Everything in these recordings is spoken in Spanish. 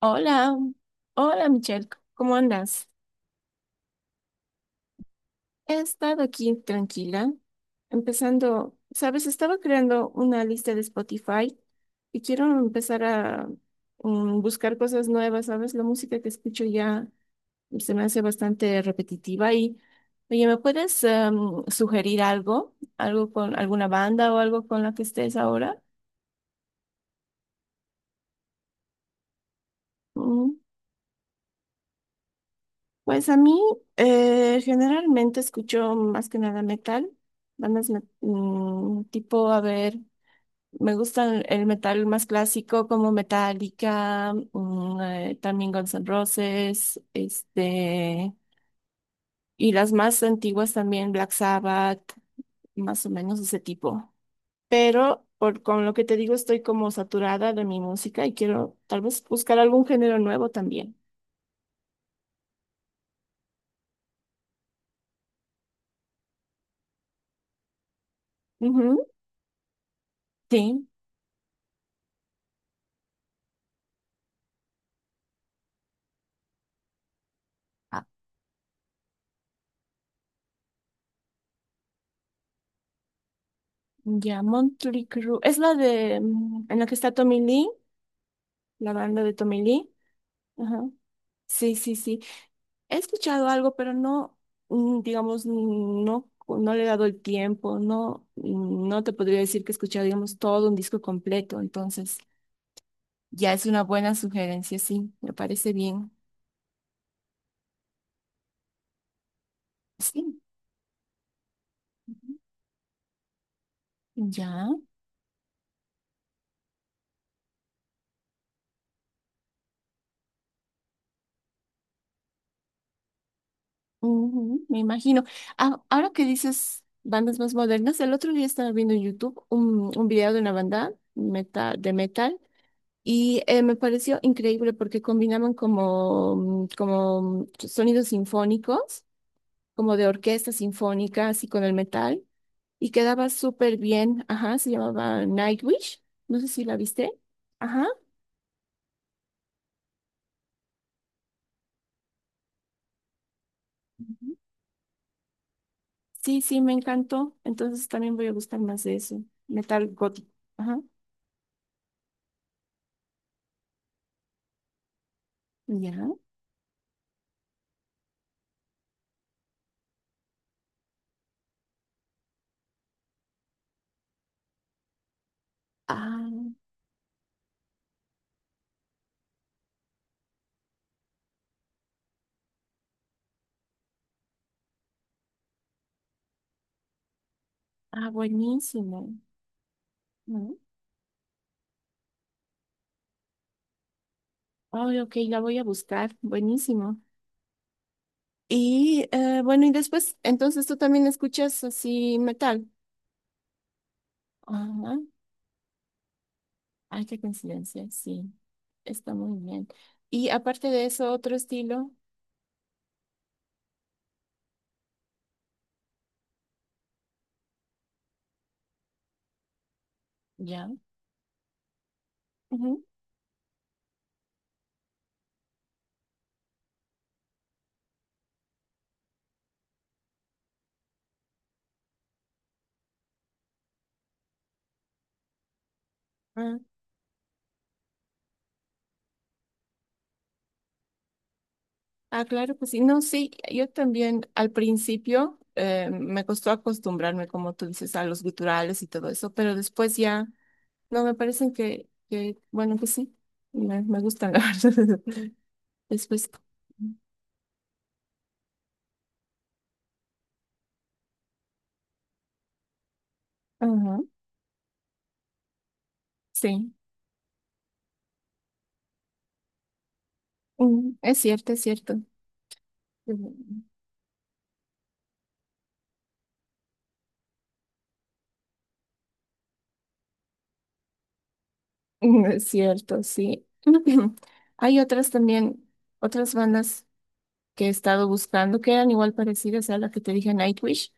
Hola, hola Michelle, ¿cómo andas? He estado aquí tranquila, empezando, sabes, estaba creando una lista de Spotify y quiero empezar a buscar cosas nuevas, ¿sabes? La música que escucho ya se me hace bastante repetitiva y, oye, ¿me puedes sugerir algo? ¿Algo con alguna banda o algo con la que estés ahora? Mm. Pues a mí generalmente escucho más que nada metal, bandas tipo, a ver, me gusta el metal más clásico como Metallica, también Guns N' Roses, este, y las más antiguas también Black Sabbath, más o menos ese tipo. Pero por, con lo que te digo estoy como saturada de mi música y quiero tal vez buscar algún género nuevo también. Ujú, sí. Ya, Motley Crue. Es la de, en la que está Tommy Lee, la banda de Tommy Lee. Ajá. Sí, sí, sí. He escuchado algo, pero no, digamos, no, no le he dado el tiempo. No, no te podría decir que he escuchado, digamos, todo un disco completo. Entonces, ya es una buena sugerencia, sí. Me parece bien. Sí. Ujú. Ya. Ujú, me imagino. Ah, ahora que dices bandas más modernas, el otro día estaba viendo en YouTube un video de una banda metal, de metal y me pareció increíble porque combinaban como, como sonidos sinfónicos, como de orquesta sinfónica, así con el metal, y quedaba súper bien. Ajá, se llamaba Nightwish. No sé si la viste. Ajá, ujú. Sí, sí, me encantó. Entonces también voy a buscar más de eso. Metal gótico. Ajá, ya. Ah, ah, buenísimo. ¿No? Ay, ok, la voy a buscar. Buenísimo. Y bueno, y después, entonces tú también escuchas así metal. Ajá. Ay, qué coincidencia, sí. Está muy bien. Y aparte de eso, otro estilo, ya. Ujú. Ah, ah, claro, pues sí. No, sí, yo también al principio me costó acostumbrarme, como tú dices, a los guturales y todo eso, pero después ya. No, me parecen que bueno, pues sí, me gustan, la verdad. Después, ajá, sí, mm, es cierto, es cierto. Mm, mm, es cierto, sí. Hay otras también, otras bandas que he estado buscando que eran igual parecidas a la que te dije Nightwish,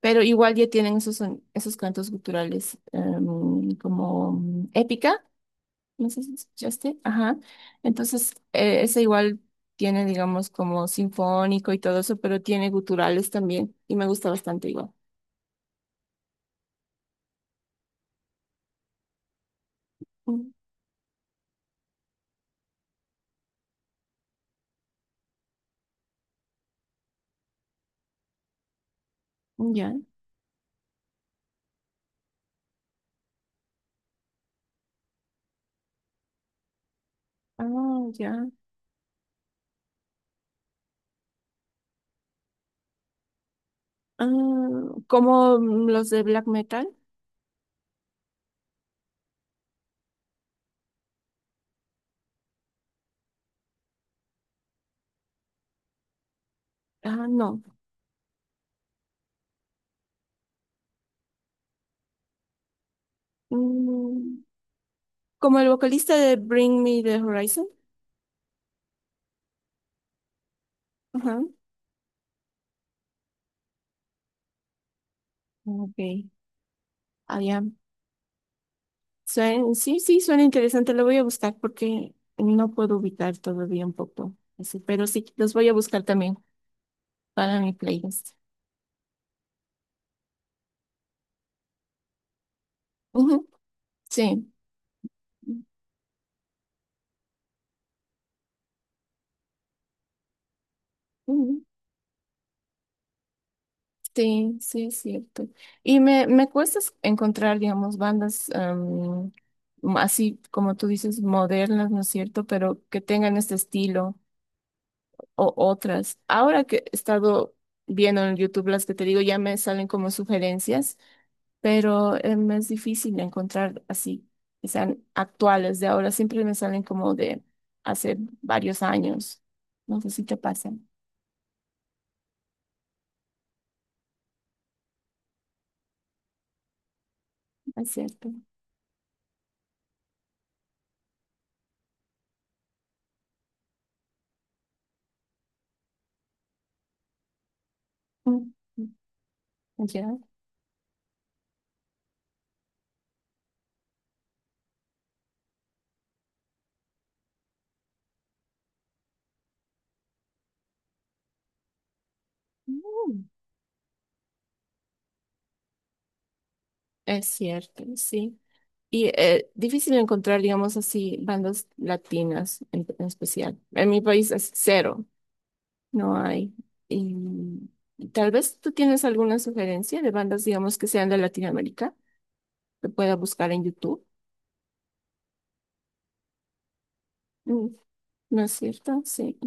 pero igual ya tienen esos, esos cantos culturales como épica. No sé si escuchaste. Ajá. Entonces, ese igual tiene, digamos, como sinfónico y todo eso, pero tiene guturales también y me gusta bastante igual. Mm, ya. Ah, ya. Ah, como los de black metal. Ah, no. Mm, como el vocalista de Bring Me the Horizon. Ajá. Ok. Ah, ya. Sí, sí, suena interesante. Lo voy a buscar porque no puedo ubicar todavía un poco. Así, pero sí, los voy a buscar también para mi playlist. Ujú, sí, ujú, sí, sí, es cierto. Y me cuesta encontrar, digamos, bandas así como tú dices, modernas, ¿no es cierto? Pero que tengan este estilo o otras. Ahora que he estado viendo en YouTube las que te digo, ya me salen como sugerencias, pero me es difícil encontrar así, que sean actuales de ahora. Siempre me salen como de hace varios años. No sé si te pasa, ¿no es cierto? Mm. Ya. Mm, es cierto, sí. Y difícil encontrar, digamos así, bandas latinas en especial. En mi país es cero, no hay. Y tal vez tú tienes alguna sugerencia de bandas, digamos, que sean de Latinoamérica, que pueda buscar en YouTube. Mm, ¿no es cierto? Sí.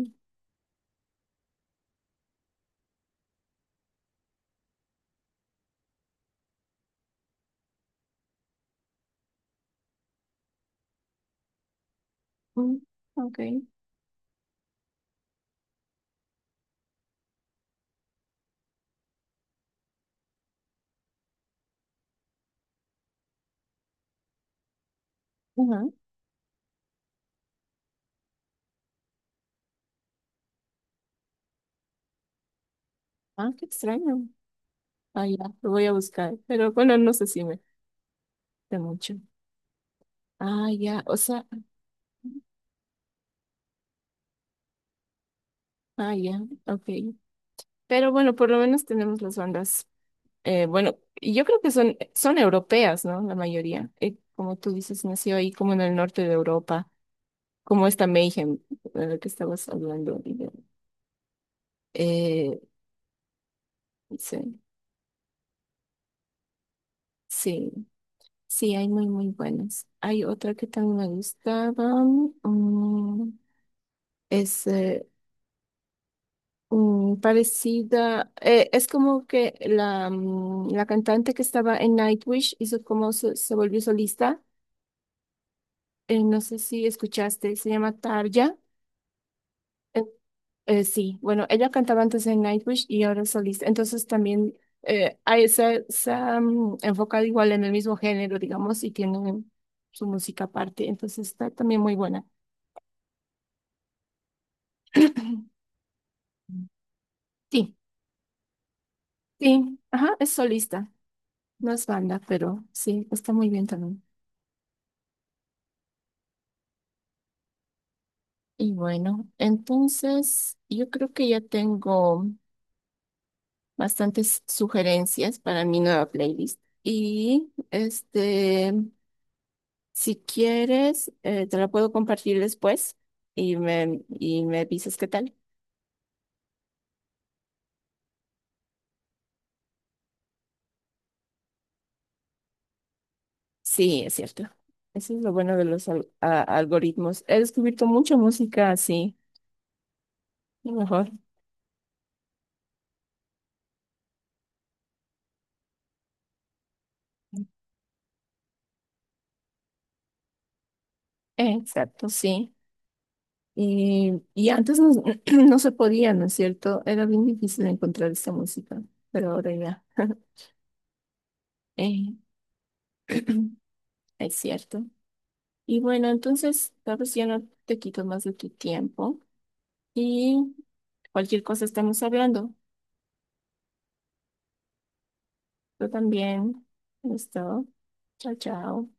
Mm, ok. Ajá. Ah, qué extraño. Ah, ya, lo voy a buscar, pero bueno, no sé si me da mucho. Ah, ya, o sea, ah, ya, ok. Pero bueno, por lo menos tenemos las bandas. Bueno, y yo creo que son, son europeas, ¿no? La mayoría. Como tú dices, nació ahí como en el norte de Europa, como esta Mayhem de la que estabas hablando. Eh, sí, sí, sí, hay muy, muy buenas. Hay otra que también me gustaba. mm, es parecida. Es como que la, la cantante que estaba en Nightwish hizo como se volvió solista. No sé si escuchaste, se llama Tarja. Eh, sí, bueno, ella cantaba antes en Nightwish y ahora es solista. Entonces también ahí se han enfocado igual en el mismo género, digamos, y tiene su música aparte. Entonces está también muy buena. Sí, sí, ajá, es solista, no es banda, pero sí, está muy bien también. Y bueno, entonces yo creo que ya tengo bastantes sugerencias para mi nueva playlist. Y este, si quieres, te la puedo compartir después y y me dices qué tal. Sí, es cierto. Eso es lo bueno de los algoritmos. He descubierto mucha música así, lo mejor. Exacto, sí. Y antes no, no se podía, ¿no es cierto? Era bien difícil encontrar esta música, pero ahora ya, eh, es cierto. Y bueno, entonces, tal vez ya no te quito más de tu tiempo y cualquier cosa estamos hablando. Yo también. Listo. Chao, chao.